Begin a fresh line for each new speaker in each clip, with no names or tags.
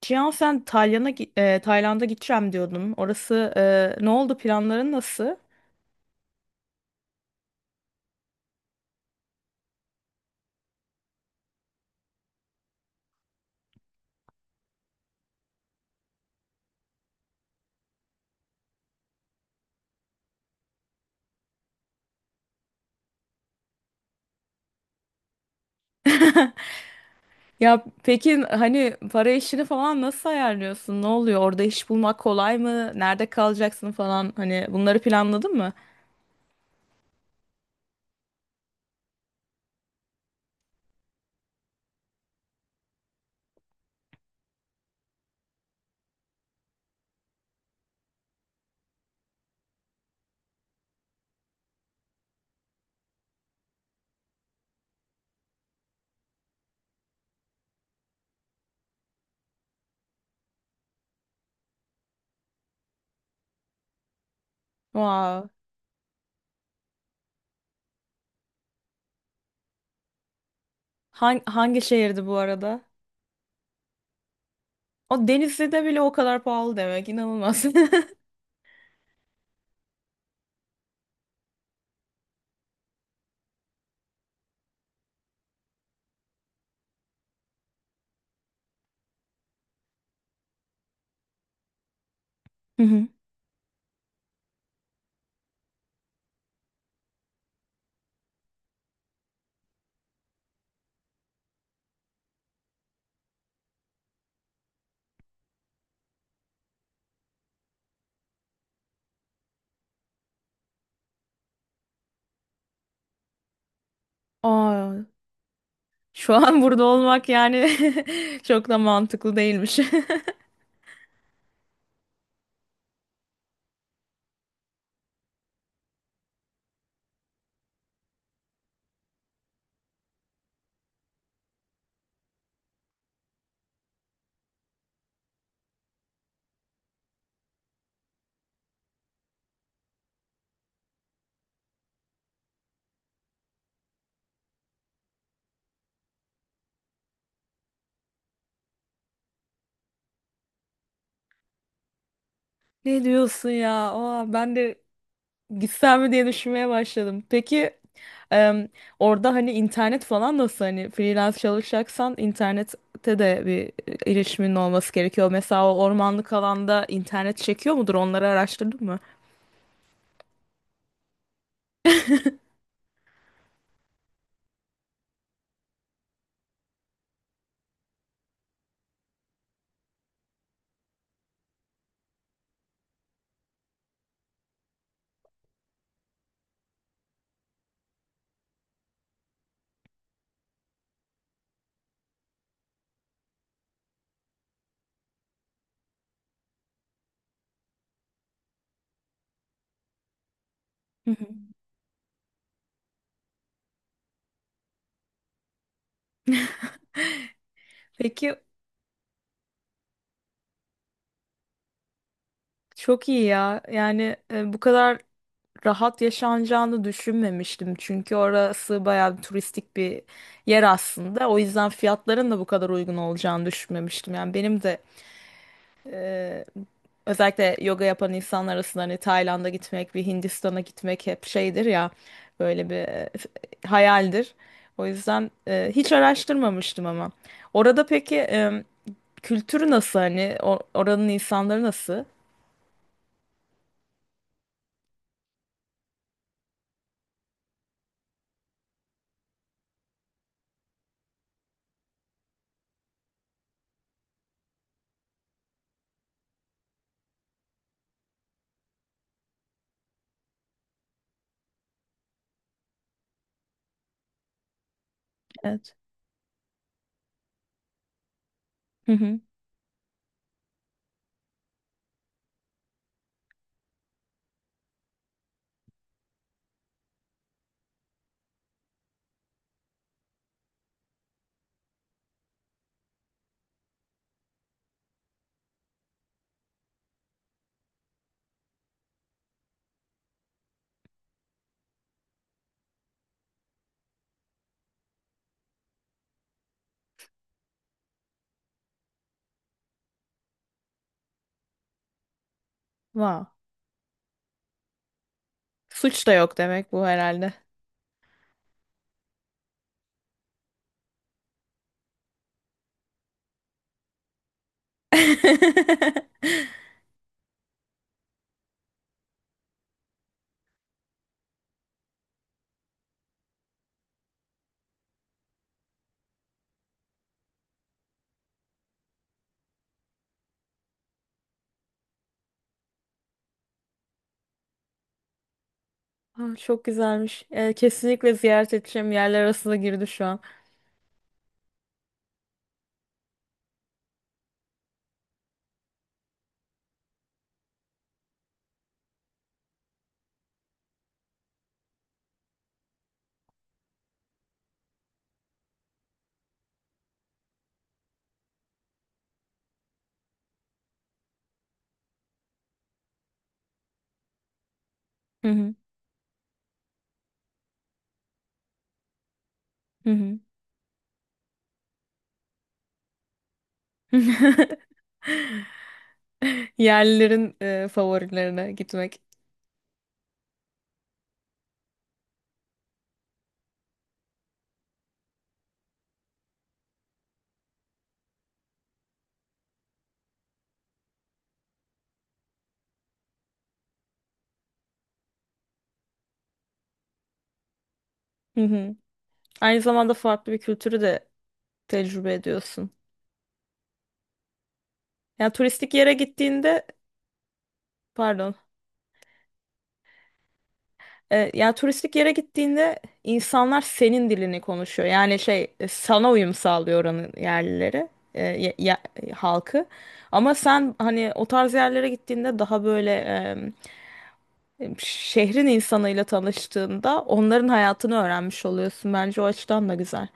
Cihan sen Tayland'a Tayland'a gideceğim diyordun. Orası ne oldu planların nasıl? Ya peki hani para işini falan nasıl ayarlıyorsun? Ne oluyor? Orada iş bulmak kolay mı? Nerede kalacaksın falan? Hani bunları planladın mı? Wow. Hangi şehirdi bu arada? O Denizli'de bile o kadar pahalı demek. İnanılmaz. Hı hı. Aa, şu an burada olmak yani çok da mantıklı değilmiş. Ne diyorsun ya? Aa, ben de gitsem mi diye düşünmeye başladım. Peki em, orada hani internet falan nasıl, hani freelance çalışacaksan internette de bir erişimin olması gerekiyor. Mesela o ormanlık alanda internet çekiyor mudur? Onları araştırdın mı? Hı hı. Peki çok iyi ya. Yani bu kadar rahat yaşanacağını düşünmemiştim. Çünkü orası bayağı bir turistik bir yer aslında. O yüzden fiyatların da bu kadar uygun olacağını düşünmemiştim. Yani benim de e, özellikle yoga yapan insanlar arasında hani Tayland'a gitmek, bir Hindistan'a gitmek hep şeydir ya, böyle bir hayaldir. O yüzden hiç araştırmamıştım ama. Orada peki kültürü nasıl, hani oranın insanları nasıl? Evet. Hı hı. Wow. Suç da yok demek bu herhalde. Aa, çok güzelmiş. Kesinlikle ziyaret edeceğim yerler arasında girdi şu an. Hı hı. Hı hı. Yerlilerin favorilerine gitmek. Hı hı. Aynı zamanda farklı bir kültürü de tecrübe ediyorsun. Yani turistik yere gittiğinde, pardon, ya turistik yere gittiğinde insanlar senin dilini konuşuyor. Yani şey sana uyum sağlıyor oranın yerlileri, halkı. Ama sen hani o tarz yerlere gittiğinde daha böyle şehrin insanıyla tanıştığında onların hayatını öğrenmiş oluyorsun. Bence o açıdan da güzel.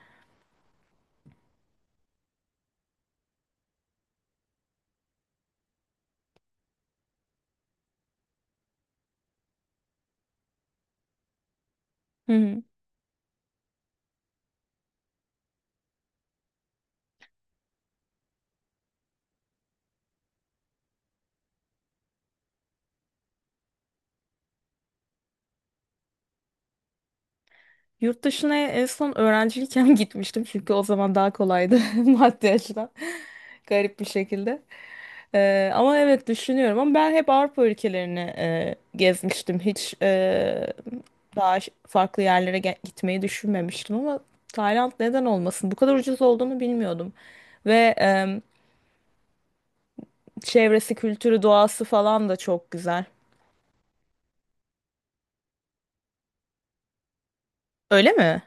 Hı hı. Yurt dışına en son öğrenciyken gitmiştim, çünkü o zaman daha kolaydı maddi açıdan. Garip bir şekilde. Ama evet düşünüyorum, ama ben hep Avrupa ülkelerini gezmiştim. Hiç daha farklı yerlere gitmeyi düşünmemiştim, ama Tayland neden olmasın? Bu kadar ucuz olduğunu bilmiyordum. Ve çevresi, kültürü, doğası falan da çok güzel. Öyle mi?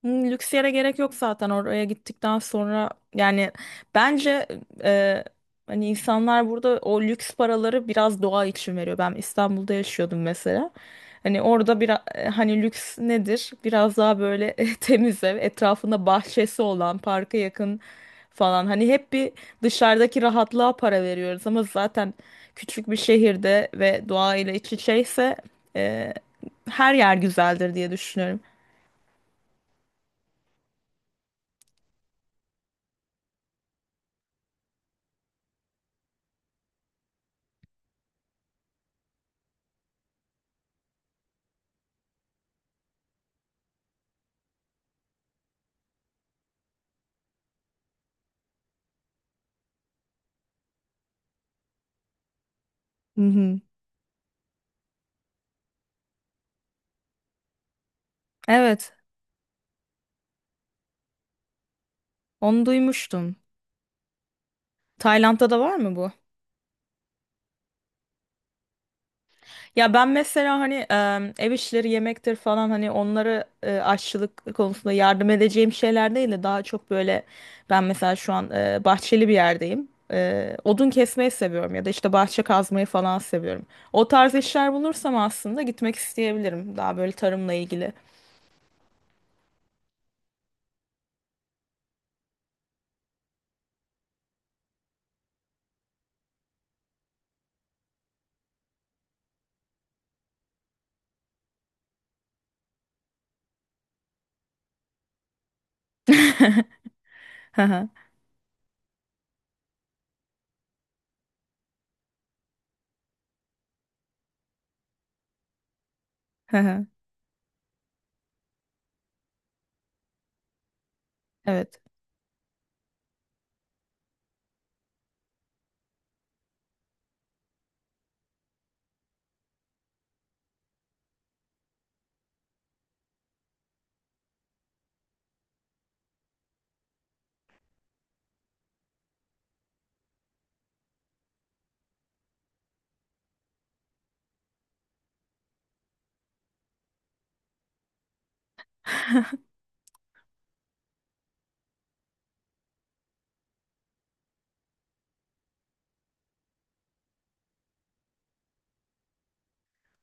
Hmm, lüks yere gerek yok zaten oraya gittikten sonra. Yani bence e, hani insanlar burada o lüks paraları biraz doğa için veriyor. Ben İstanbul'da yaşıyordum mesela. Hani orada bir, hani lüks nedir? Biraz daha böyle temiz ev, etrafında bahçesi olan, parka yakın falan. Hani hep bir dışarıdaki rahatlığa para veriyoruz, ama zaten küçük bir şehirde ve doğayla iç içeyse e, her yer güzeldir diye düşünüyorum. Hı hı. Evet. Onu duymuştum. Tayland'da da var mı bu? Ya ben mesela hani ev işleri yemektir falan, hani onları aşçılık konusunda yardım edeceğim şeyler değil de daha çok böyle ben mesela şu an bahçeli bir yerdeyim. E, odun kesmeyi seviyorum ya da işte bahçe kazmayı falan seviyorum. O tarz işler bulursam aslında gitmek isteyebilirim. Daha böyle tarımla ilgili. Hı hı, hı hı. Evet.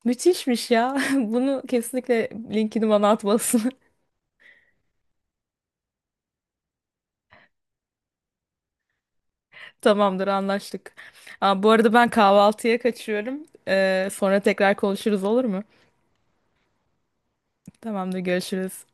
Müthişmiş ya. Bunu kesinlikle linkini bana atmalısın. Tamamdır, anlaştık. Aa, bu arada ben kahvaltıya kaçıyorum. Sonra tekrar konuşuruz, olur mu? Tamamdır, görüşürüz.